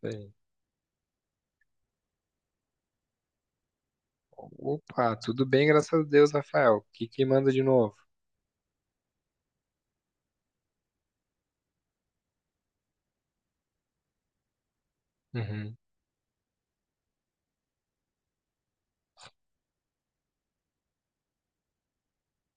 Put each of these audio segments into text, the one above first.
Sei. Opa, tudo bem, graças a Deus, Rafael. O que que manda de novo? Uhum.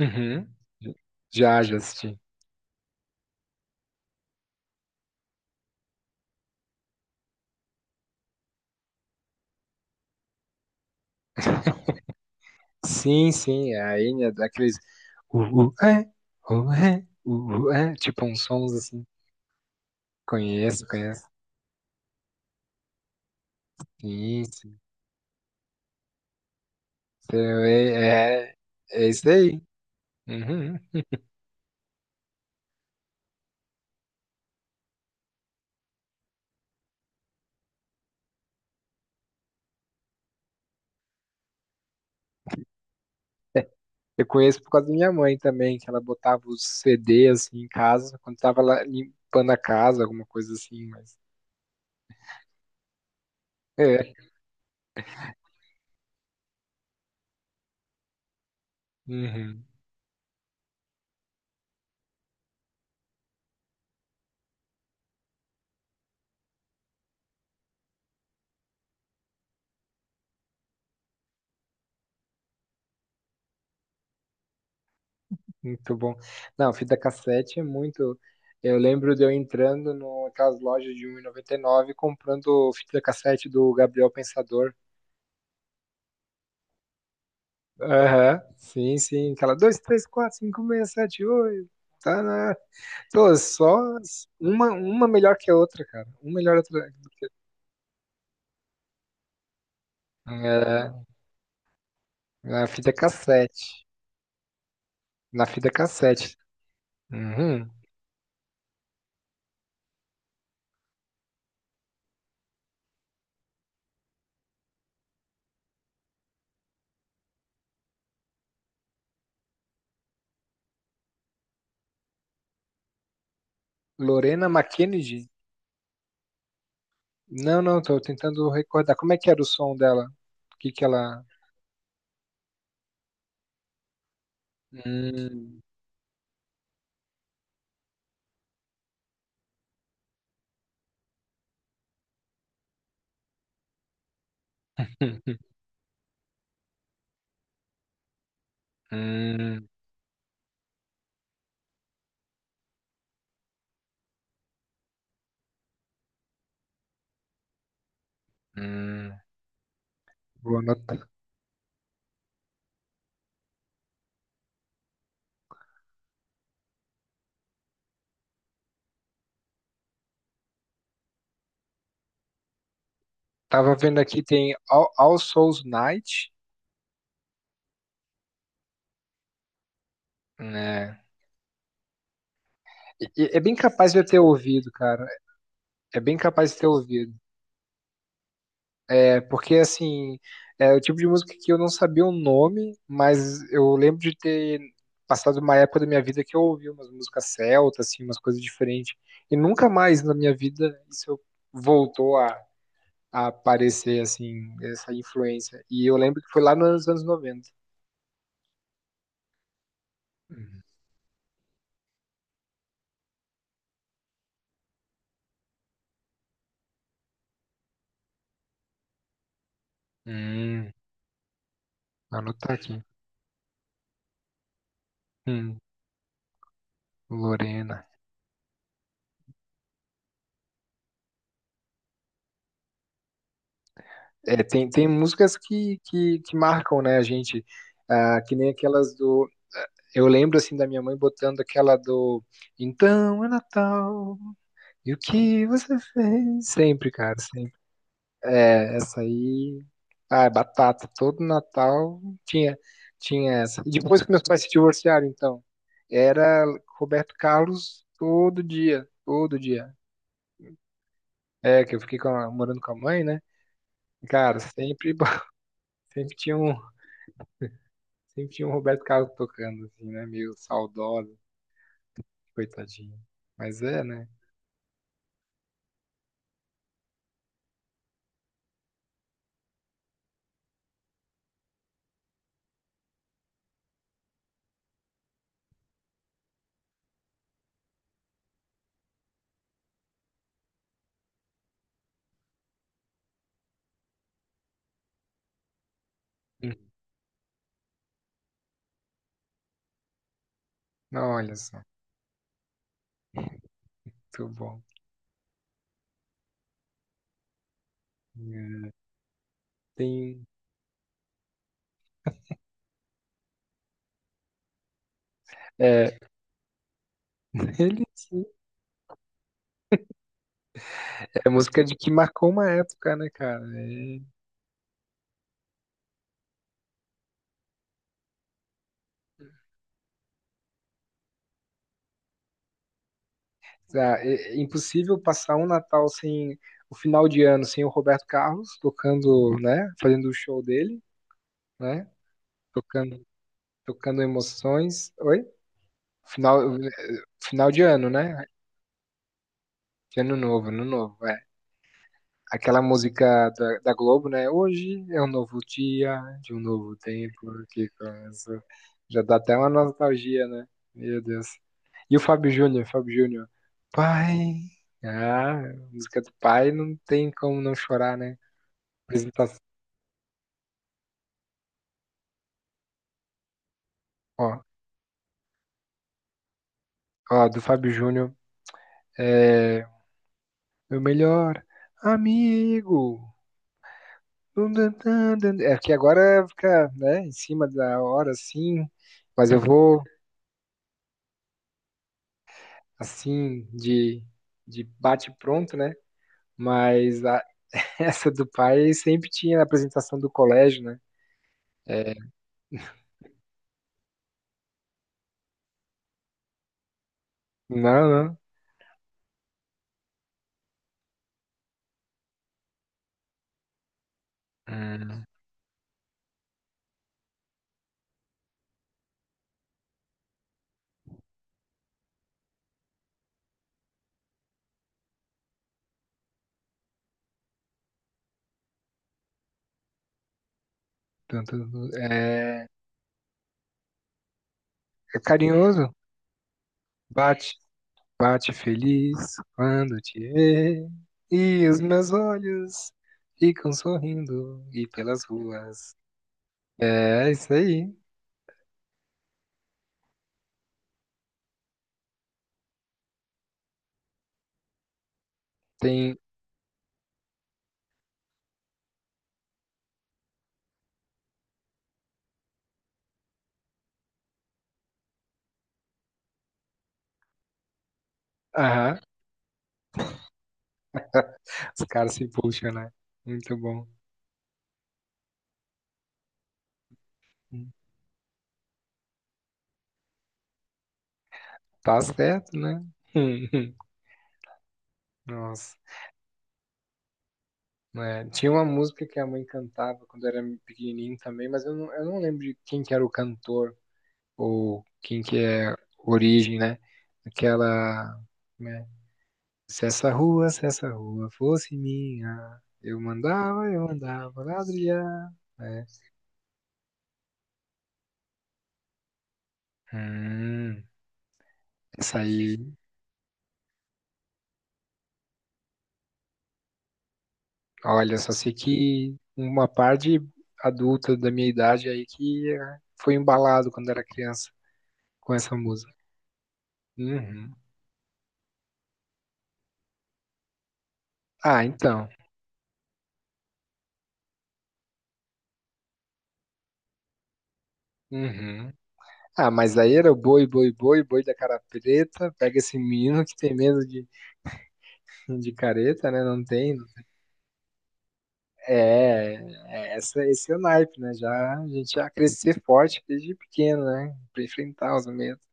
Uhum. Já, assisti. Sim, sim, é a Enya daqueles uh, uh, é, tipo uns sons assim. Conheço, conheço. Sim, sim. Então, É, é, é isso aí. Uhum. Eu conheço por causa da minha mãe também, que ela botava os CD assim em casa, quando tava lá limpando a casa, alguma coisa assim, mas. É. Uhum. Muito bom. Não, fita cassete é muito. Eu lembro de eu entrando naquelas lojas de 1,99 e comprando fita cassete do Gabriel Pensador. Aham, sim, sim. Aquela 2 3 4 5 6 7 8. Tá, né? Pô, só uma melhor que a outra, cara. Uma melhor que a outra. É, na fita cassete. Na fita cassete. Uhum. Lorena McKennedy? Não, não, tô tentando recordar. Como é que era o som dela? O que que ela. Hum. Hum, hum, vou anotar. Tava vendo aqui, tem All Souls Night, né? É bem capaz de eu ter ouvido, cara. É bem capaz de ter ouvido. É porque, assim, é o tipo de música que eu não sabia o nome, mas eu lembro de ter passado uma época da minha vida que eu ouvi umas músicas celtas, assim, umas coisas diferentes. E nunca mais na minha vida isso voltou a aparecer, assim, essa influência. E eu lembro que foi lá nos anos 90. Hum, anotar aqui. Hum, Lorena. É, tem, tem músicas que marcam, né, a gente. Ah, que nem aquelas do. eh, Eu lembro, assim, da minha mãe botando aquela do. Então é Natal, e o que você fez? Sempre, cara, sempre. É, essa aí. Ah, é batata. Todo Natal tinha, tinha essa. E depois que meus pais se divorciaram, então. Era Roberto Carlos todo dia, todo dia. É, que eu fiquei morando com a mãe, né? E, cara, sempre, sempre tinha um, sempre tinha um Roberto Carlos tocando, assim, né? Meio saudoso, coitadinho. Mas é, né? Hum. Não, olha só, muito bom. É, tem, é, ele sim, é música de que marcou uma época, né, cara? É, tá, é impossível passar um Natal sem, o final de ano sem o Roberto Carlos tocando, né? Fazendo o show dele, né? Tocando, tocando emoções. Oi? Final, final de ano, né? De ano novo, ano novo, é. Aquela música da, da Globo, né? Hoje é um novo dia, de um novo tempo que começa. Já dá até uma nostalgia, né? Meu Deus. E o Fábio Júnior, Fábio Júnior. Pai. Ah, música do pai não tem como não chorar, né? Apresentação. Ó, ó, do Fábio Júnior. É. Meu melhor amigo. Dun, dun, dun, dun. É que agora fica, né, em cima da hora, assim. Mas eu vou assim, de bate-pronto, né? Mas a- essa do pai sempre tinha na apresentação do colégio, né? É, não, não. É, tanto, é, é carinhoso. Bate, bate feliz quando te vê. E os meus olhos ficam sorrindo e pelas ruas. É, é isso aí. Tem. Aham. Os caras se puxam, né? Muito bom. Tá certo, né? Nossa. Né? Tinha uma música que a mãe cantava quando eu era pequenininho também, mas eu não lembro de quem que era o cantor ou quem que é a origem, né? Aquela, né? Se essa rua, se essa rua fosse minha, eu mandava ladrilhar, né? Hum, essa aí, olha, só sei que uma parte adulta da minha idade aí que foi embalado quando era criança com essa música. Uhum. Ah, então. Uhum. Ah, mas aí era o boi, boi, boi, boi da cara preta. Pega esse menino que tem medo de careta, né? Não tem. É, é essa, esse é o naipe, né? Já, a gente já crescer forte desde pequeno, né? Pra enfrentar os medos.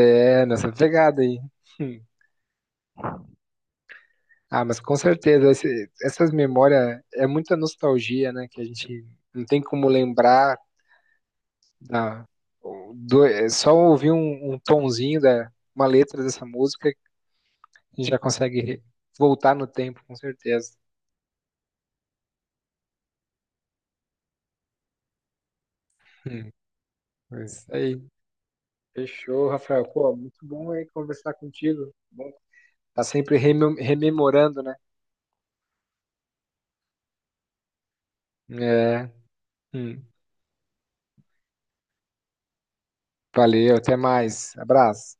É, nessa pegada aí. Hum. Ah, mas com certeza, essas memórias é muita nostalgia, né? Que a gente não tem como lembrar da, do, é só ouvir um, um tonzinho da uma letra dessa música gente já consegue voltar no tempo, com certeza. Hum, é isso aí. Fechou, Rafael. Pô, muito bom aí conversar contigo. Bom, tá sempre rememorando, né? É. Hum. Valeu, até mais. Abraço.